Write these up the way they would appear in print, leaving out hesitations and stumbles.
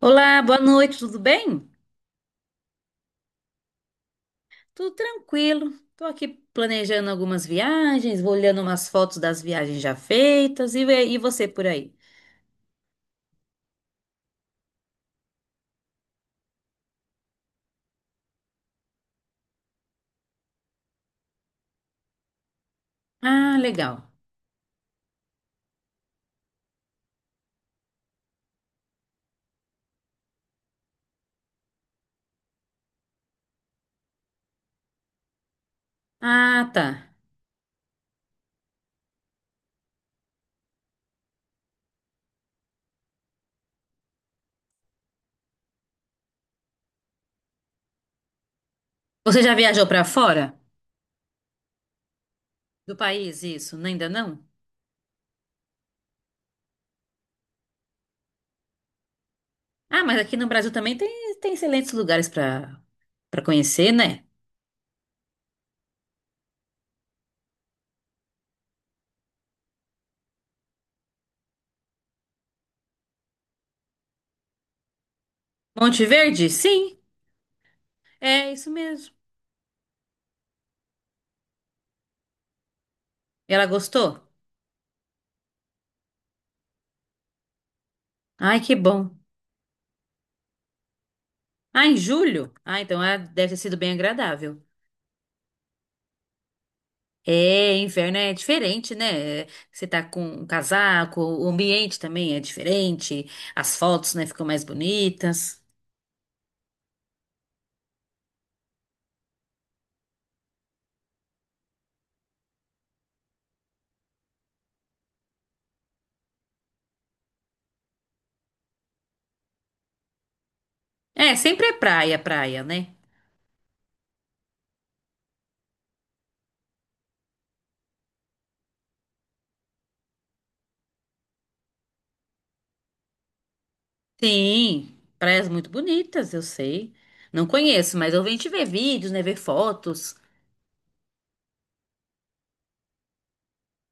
Olá, boa noite, tudo bem? Tudo tranquilo. Estou aqui planejando algumas viagens, vou olhando umas fotos das viagens já feitas e você por aí? Ah, legal. Ah, tá. Você já viajou para fora do país, isso? Não, ainda não? Ah, mas aqui no Brasil também tem, tem excelentes lugares para conhecer, né? Monte Verde? Sim, é isso mesmo. Ela gostou? Ai, que bom. Ah, em julho? Ah, então deve ter sido bem agradável. É, inverno é diferente, né? Você tá com um casaco, o ambiente também é diferente, as fotos, né, ficam mais bonitas. É, sempre é praia, praia, né? Sim, praias muito bonitas, eu sei. Não conheço, mas eu venho te ver vídeos, né, ver fotos.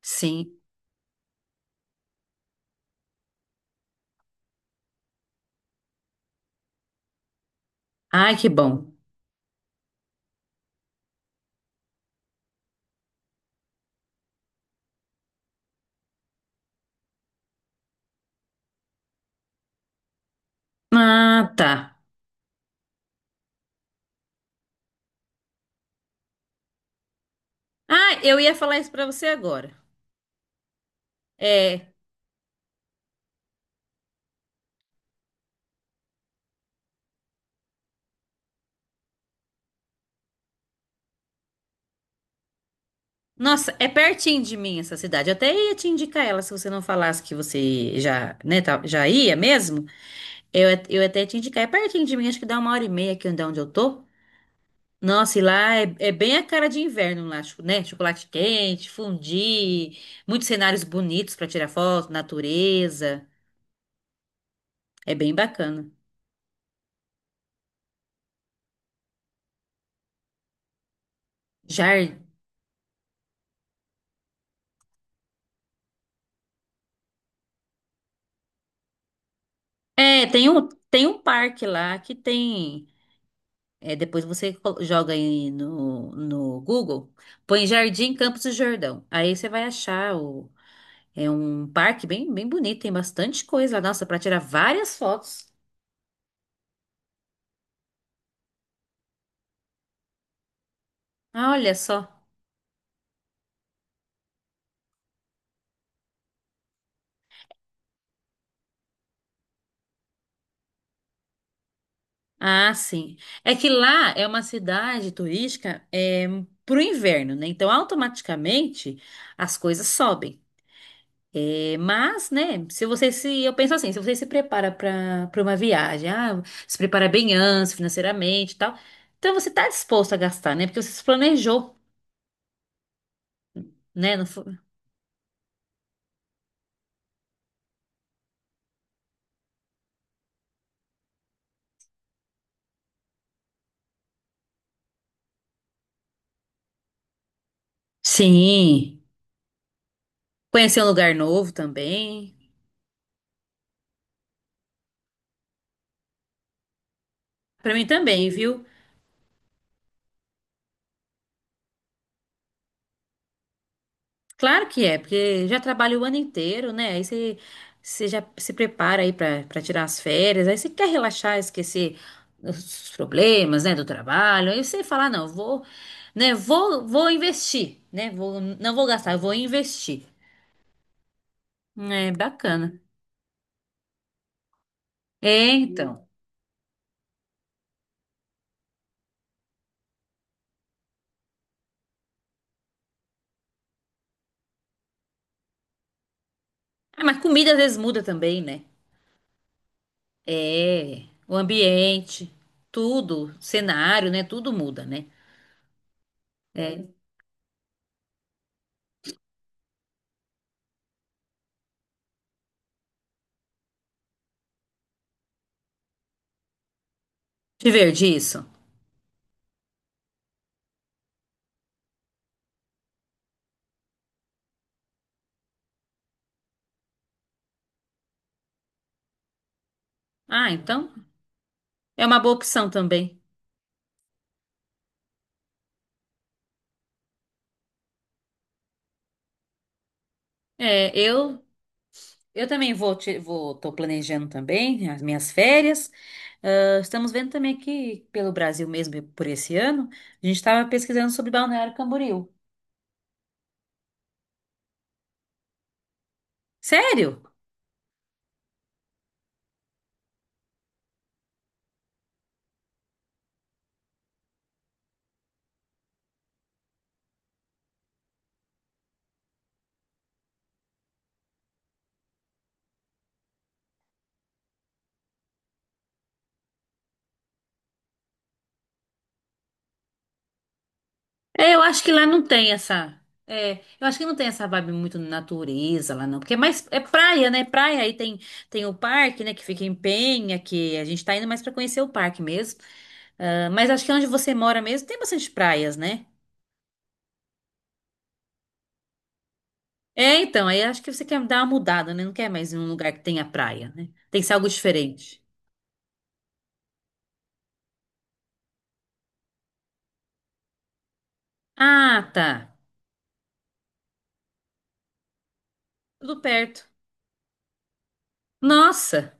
Sim. Ai, que bom. Ah, tá. Ah, eu ia falar isso pra você agora. É, nossa, é pertinho de mim essa cidade. Eu até ia te indicar ela se você não falasse que você já, né, já ia mesmo. Eu, eu até te indicar é pertinho de mim, acho que dá uma hora e meia aqui de onde eu tô. Nossa, e lá é, é bem a cara de inverno lá, né? Chocolate quente, fondue, muitos cenários bonitos pra tirar foto, natureza. É bem bacana. Jar... É, tem um parque lá que tem. É, depois você joga aí no Google, põe Jardim Campos do Jordão. Aí você vai achar o, é um parque bem, bem bonito, tem bastante coisa lá, nossa, pra tirar várias fotos. Ah, olha só. Ah, sim. É que lá é uma cidade turística é, para o inverno, né? Então, automaticamente as coisas sobem. É, mas, né? Se você se, eu penso assim, se você se prepara para uma viagem, ah, se prepara bem antes, financeiramente, e tal, então você está disposto a gastar, né? Porque você se planejou, né? Não foi- Sim. Conhecer um lugar novo também. Para mim também, viu? Claro que é, porque já trabalha o ano inteiro, né? Aí você, você já se prepara aí para tirar as férias, aí você quer relaxar, esquecer os problemas, né, do trabalho. Aí você fala, "Ah, não, vou, né, vou, vou investir, né? Vou, não vou gastar, eu vou investir. É bacana. É, então. Ah, mas comida às vezes muda também, né? É, o ambiente, tudo, cenário, né? Tudo muda, né? É. Te ver disso. Ah, então é uma boa opção também. É, eu também vou, vou, tô planejando também as minhas férias. Ah, estamos vendo também aqui pelo Brasil mesmo por esse ano, a gente estava pesquisando sobre Balneário Camboriú. Sério? É, eu acho que lá não tem essa. É, eu acho que não tem essa vibe muito natureza lá não, porque é mais é praia, né? Praia aí tem tem o parque, né, que fica em Penha, que a gente tá indo mais para conhecer o parque mesmo. Ah, mas acho que onde você mora mesmo tem bastante praias, né? É, então, aí acho que você quer dar uma mudada, né? Não quer mais ir num lugar que tenha praia, né? Tem que ser algo diferente. Ah, tá. Tudo perto. Nossa!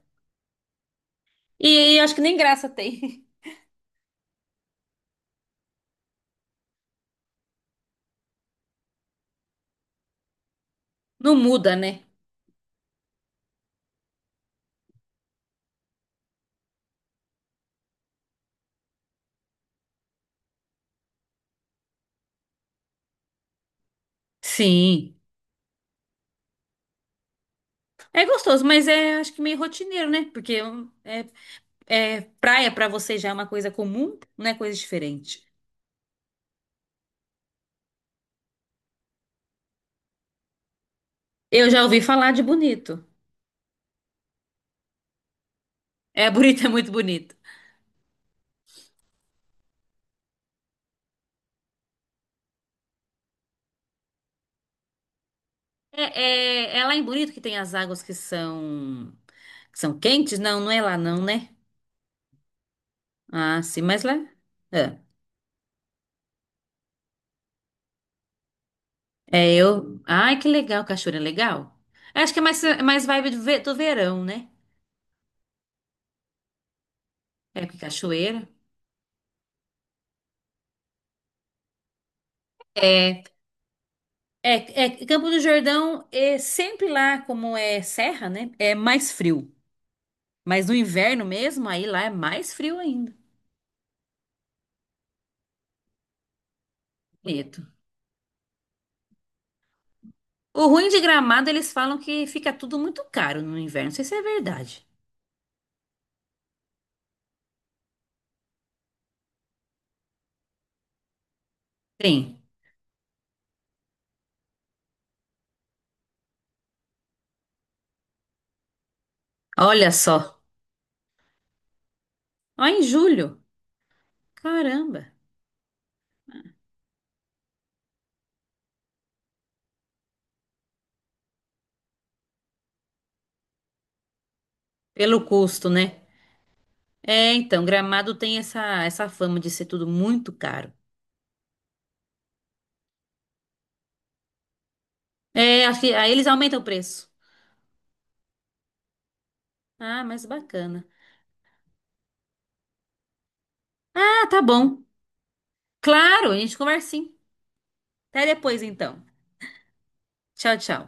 E acho que nem graça tem. Não muda, né? Sim. É gostoso, mas é acho que meio rotineiro, né? Porque é, é praia pra você já é uma coisa comum, não é coisa diferente. Eu já ouvi falar de bonito. É bonito, é muito bonito. É, é, é lá em Bonito que tem as águas que são quentes? Não, não é lá não, né? Ah, sim, mas lá. É, é, eu. Ai, que legal, cachoeira é legal. Acho que é mais vibe do, do verão, né? É, porque cachoeira. É, é, é, Campo do Jordão é sempre lá, como é serra, né? É mais frio. Mas no inverno mesmo, aí lá é mais frio ainda. Bonito. O ruim de Gramado, eles falam que fica tudo muito caro no inverno. Não sei se é verdade. Tem. Olha só. Ó, em julho. Caramba. Pelo custo, né? É, então, Gramado tem essa, essa fama de ser tudo muito caro. É, acho que aí eles aumentam o preço. Ah, mas bacana. Ah, tá bom. Claro, a gente conversa sim. Até depois, então. Tchau, tchau.